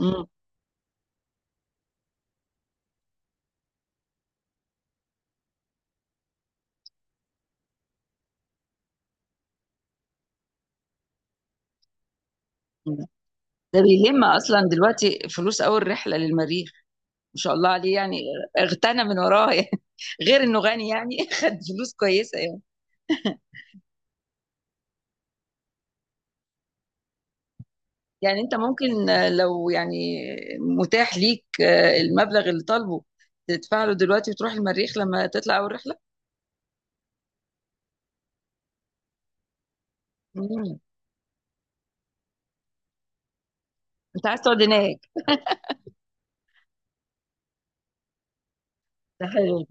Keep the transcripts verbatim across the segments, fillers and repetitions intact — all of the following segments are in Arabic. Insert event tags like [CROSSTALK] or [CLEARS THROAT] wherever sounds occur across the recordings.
مم. ده بيلم اصلا دلوقتي فلوس اول رحله للمريخ. ما شاء الله عليه يعني اغتنى من وراها يعني. [LAUGHS] غير انه غني يعني. [LAUGHS] خد فلوس كويسه يعني. يعني انت ممكن آه، لو يعني متاح ليك آه، المبلغ اللي طالبه تدفع له دلوقتي وتروح المريخ لما تطلع اول رحله. مم. انت عايز تقعد هناك؟ ده حلو.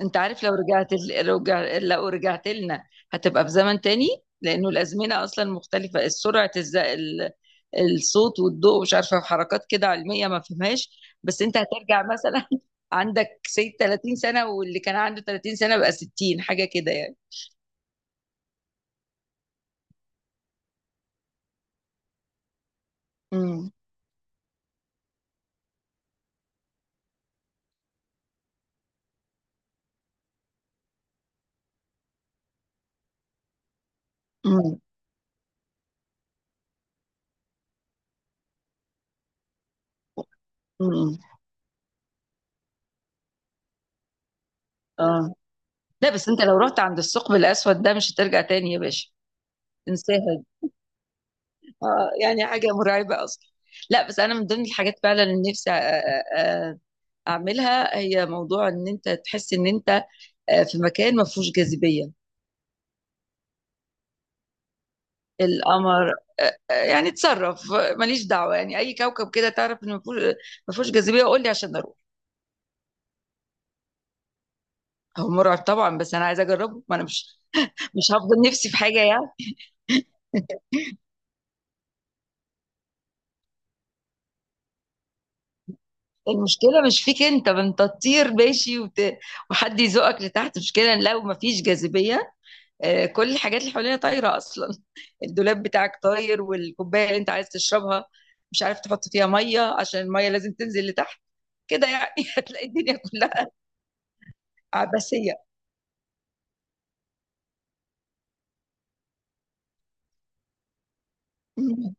انت عارف لو رجعت ال- لو رجع- لو رجعت لنا هتبقى في زمن تاني. لانه الازمنه اصلا مختلفه. سرعه الز... ال- الصوت والضوء مش عارفه، حركات كده علميه ما فهمهاش، بس انت هترجع مثلا [LAUGHS] عندك سيد ثلاثين سنه واللي كان عنده ثلاثين سنه بقى ستين. حاجه كده يعني. امم. امم. امم. اه. لا بس انت لو رحت عند الثقب الاسود ده مش هترجع تاني يا باشا. انساها دي. اه يعني حاجه مرعبه اصلا. لا، بس انا من ضمن الحاجات فعلا اللي نفسي أ- أ- اعملها هي موضوع ان انت تحس ان انت آه، في مكان ما فيهوش جاذبيه. القمر. آه، آه، يعني اتصرف، آه، ماليش دعوه، يعني اي كوكب كده تعرف ان ما فيهوش ما فيهوش جاذبيه قول لي عشان اروح. هو مرعب طبعا بس انا عايزه اجربه، ما انا مش مش هفضل نفسي في حاجه يعني. المشكله مش فيك انت، ما انت تطير ماشي وت... وحد يزقك لتحت، مشكله لو ما فيش جاذبيه. آه، كل الحاجات اللي حوالينا طايره اصلا، الدولاب بتاعك طاير، والكوبايه اللي انت عايز تشربها مش عارف تحط فيها ميه عشان الميه لازم تنزل لتحت كده يعني. [LAUGHS] هتلاقي الدنيا كلها عبثيه. مم.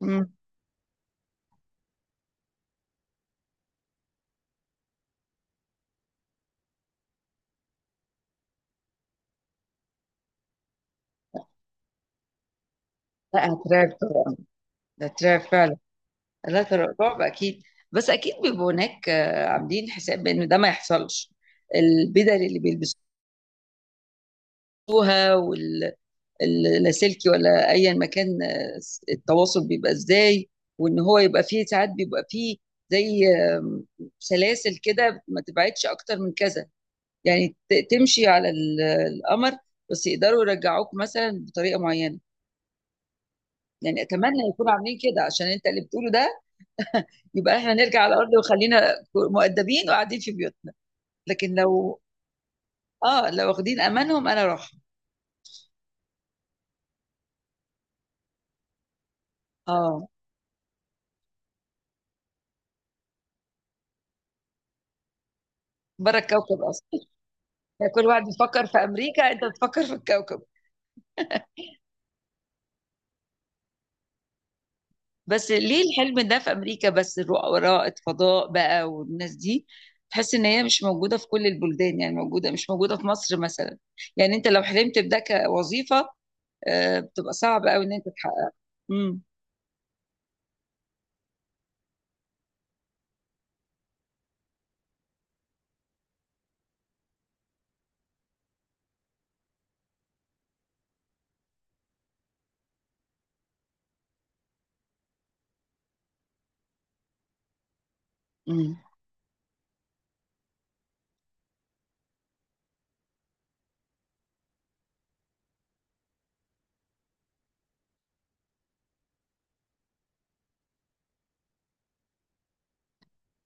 مم. لا هترعب طبعا، ده هترعب فعلا. لا، تر- رعب اكيد. بس اكيد بيبقوا هناك آه، عاملين حساب بان ده ما يحصلش. البدل اللي بيلبسوها، وال اللاسلكي ولا ايا مكان، التواصل بيبقى ازاي، وان هو يبقى فيه ساعات بيبقى فيه زي سلاسل كده ما تبعدش اكتر من كذا، يعني ت- تمشي على ال- القمر بس يقدروا يرجعوك مثلا بطريقه معينه. يعني اتمنى يكونوا عاملين كده، عشان انت اللي بتقوله ده يبقى احنا نرجع على الارض وخلينا مؤدبين وقاعدين في بيوتنا. لكن لو، اه لو واخدين امانهم انا اروح. اه بره الكوكب اصلا، يعني كل واحد بيفكر في امريكا انت بتفكر في الكوكب. بس ليه الحلم ده في امريكا بس؟ الرؤى فضاء بقى، والناس دي تحس ان هي مش موجوده في كل البلدان، يعني موجوده مش موجوده في مصر مثلا. يعني انت لو حلمت بده كوظيفه آه، بتبقى صعب قوي ان انت تحققها. امم. امم.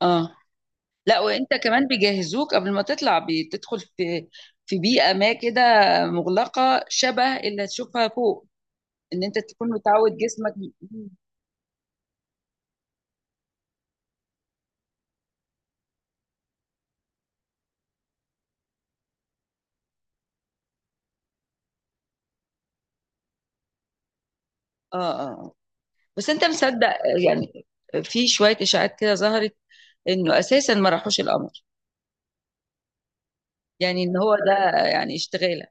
اه، لا وانت كمان بيجهزوك قبل ما تطلع، بتدخل في في بيئه ما كده مغلقه شبه اللي تشوفها فوق، ان انت تكون متعود جسمك. مم. اه اه آه. بس انت مصدق آه، يعني في شويه اشاعات كده ظهرت انه اساسا ما راحوش القمر؟ يعني ان هو ده يعني اشتغاله؟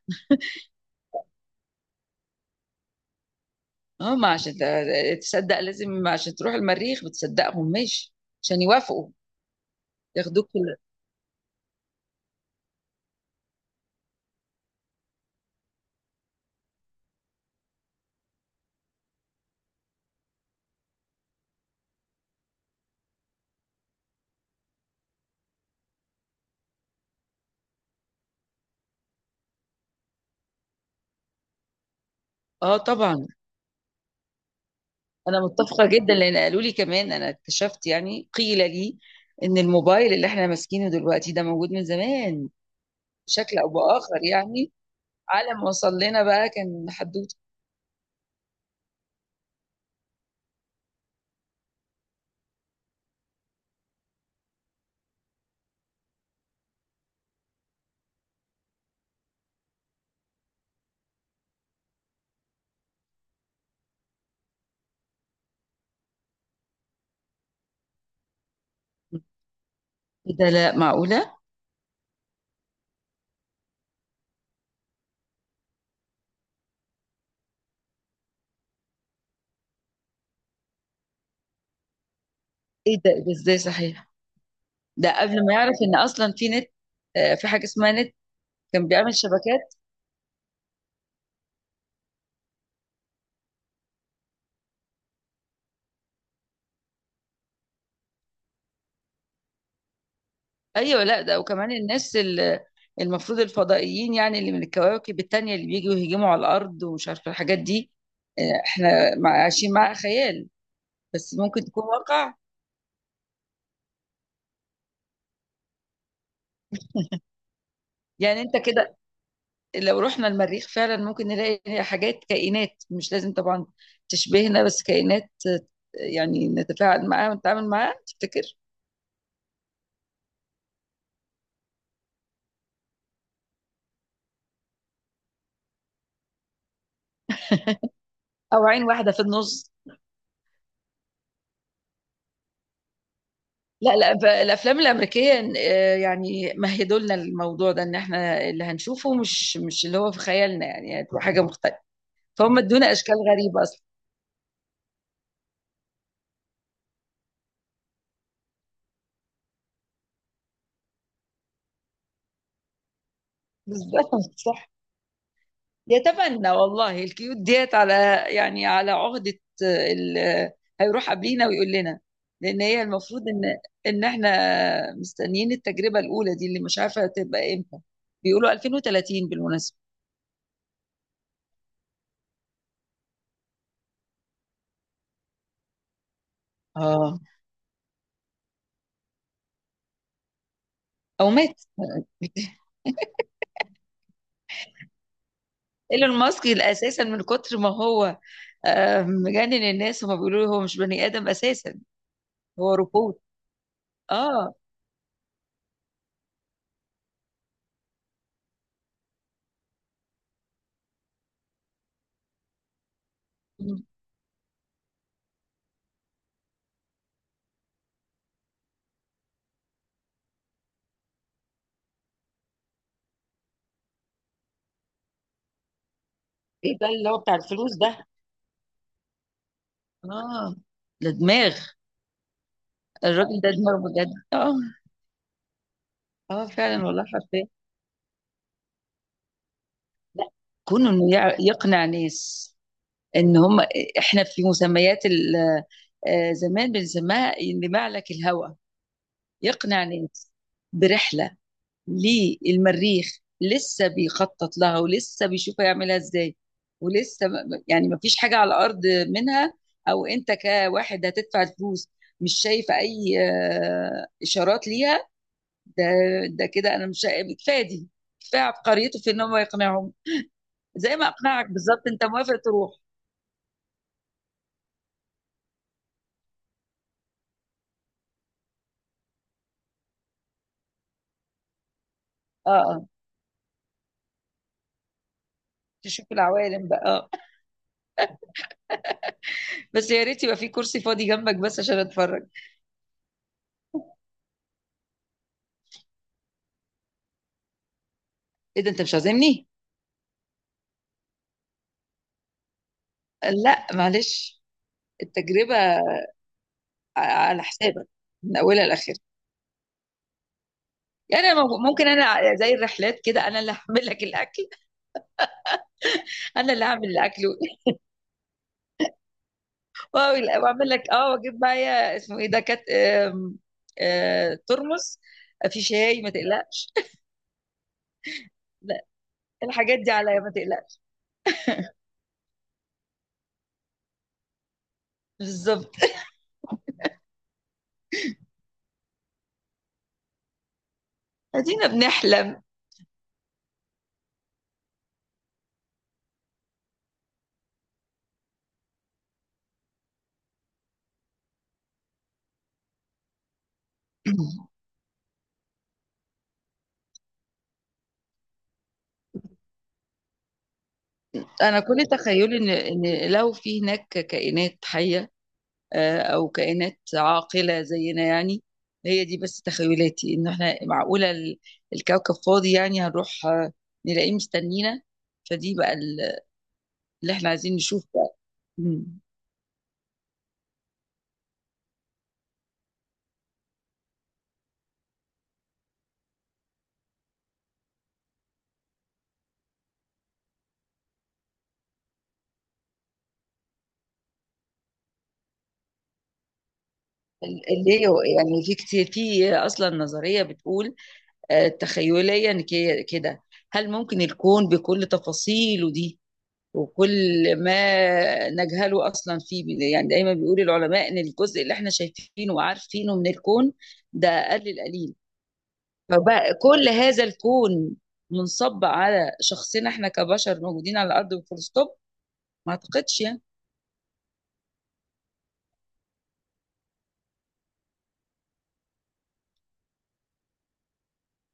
هم عشان ت- تصدق لازم، عشان تروح المريخ بتصدقهم ماشي، عشان يوافقوا ياخدوك ال- اه طبعا. انا متفقه جدا، لان قالوا لي كمان، انا اكتشفت يعني قيل لي ان الموبايل اللي احنا ماسكينه دلوقتي ده موجود من زمان بشكل او باخر، يعني على ما وصل لنا بقى كان حدوته. ايه ده، لا معقوله؟ ايه ده، إيه ده، ازاي؟ صحيح، ده قبل ما يعرف ان اصلا في نت، آه، في حاجه اسمها نت كان بيعمل شبكات. ايوه، لا ده وكمان الناس ال- المفروض الفضائيين يعني، اللي من الكواكب التانية اللي بيجوا يهجموا على الارض ومش عارفه الحاجات دي، آه، احنا مع- عايشين مع خيال، بس ممكن تكون واقع. يعني انت كده، لو رحنا المريخ فعلا ممكن نلاقي حاجات، كائنات، مش لازم طبعا تشبهنا بس كائنات آه، يعني نتفاعل معاها ونتعامل معاها، تفتكر؟ او عين واحده في النص. لا لا، ب- الافلام الامريكيه إن- آه، يعني مهدوا لنا الموضوع ده ان احنا اللي هنشوفه مش مش اللي هو في خيالنا، يعني هتبقى حاجه مختلفه. فهم ادونا اشكال غريبه اصلا. بالظبط صح. يتمنى والله الكيوت ديت على يعني على عقده، آه، ال- آه، هيروح قبلينا ويقول لنا. لان هي المفروض ان ان احنا مستنيين التجربه الاولى دي اللي مش عارفه تبقى امتى، بيقولوا الفين وثلاثين بالمناسبه. اه او مات. [LAUGHS] ايلون ماسك اساسا من كتر ما هو آه، مجنن الناس، هما بيقولوا له هو مش بني ادم اساسا، هو روبوت. اه. ايه ده اللي هو بتاع الفلوس ده؟ اه، ده دماغ. الراجل ده دماغ بجد، اه. اه فعلا والله، حرفيا. لا، كونه انه يع- يقنع ناس ان هم، احنا في مسميات ال- آه، زمان بنسميها ان معلك الهوى، يقنع ناس برحله للمريخ لسه بيخطط لها ولسه بيشوف هيعملها ازاي، ولسه م- يعني ما فيش حاجة على الأرض منها، أو أنت كواحد هتدفع فلوس مش شايف أي آه، إشارات ليها، ده ده كده أنا مش شايف- كفاية دي، كفاية عبقريته في إن هو يقنعهم، زي ما أقنعك بالظبط، أنت موافق تروح. أه أه، تشوف العوالم بقى، أه. بس يا ريت يبقى في كرسي فاضي جنبك بس عشان أتفرج. إيه ده أنت مش عازمني؟ لا معلش، التجربة على حسابك من اولها لاخرها. يعني أنا مو- ممكن انا زي الرحلات كده، انا اللي هعمل لك الاكل، انا اللي هعمل الاكل. [LAUGHS] وأعمل- واعمل لك، اه، واجيب معايا اسمه ايه ده، كات، آم، آه، ترمس، في شاي، ما تقلقش. لا، الحاجات دي عليا ما تقلقش. بالظبط، ادينا بنحلم. [CLEARS THROAT] انا كل تخيلي ان ان لو في هناك كائنات حيه آه، او كائنات عاقله زينا يعني. هي دي بس تخيلاتي، ان احنا معقوله ال- الكوكب فاضي؟ يعني هنروح آه، نلاقيه مستنينا، فدي بقى ال- اللي احنا عايزين نشوف بقى. مم. ال- اللي هو يعني في كتير، في اصلا نظريه بتقول، آه، تخيليا كي- كده، هل ممكن الكون بكل تفاصيله دي وكل ما نجهله اصلا فيه، بي- يعني دايما بيقول العلماء ان الجزء اللي احنا شايفينه وعارفينه من الكون ده اقل القليل، فبقى كل هذا الكون منصب على شخصنا، احنا كبشر موجودين على الارض، وفول ستوب؟ ما اعتقدش يعني.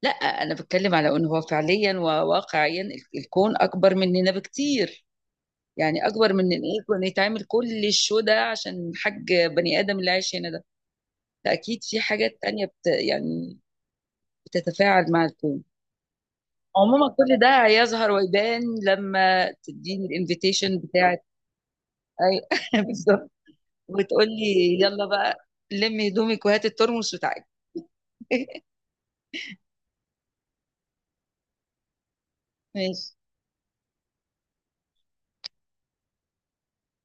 لا انا بتكلم على ان هو فعليا وواقعيا ال- الكون اكبر مننا بكتير، يعني اكبر من ان ايه كنا يتعمل كل الشو ده عشان حاج بني ادم اللي عايش هنا ده. فاكيد في حاجات تانية بت يعني بتتفاعل مع الكون. عموما كل ده هيظهر ويبان لما تديني الانفيتيشن بتاعت. اي، [LAUGHS] بالظبط، وتقول لي يلا بقى لمي هدومك وهات الترمس بتاعك. [LAUGHS] ماشي.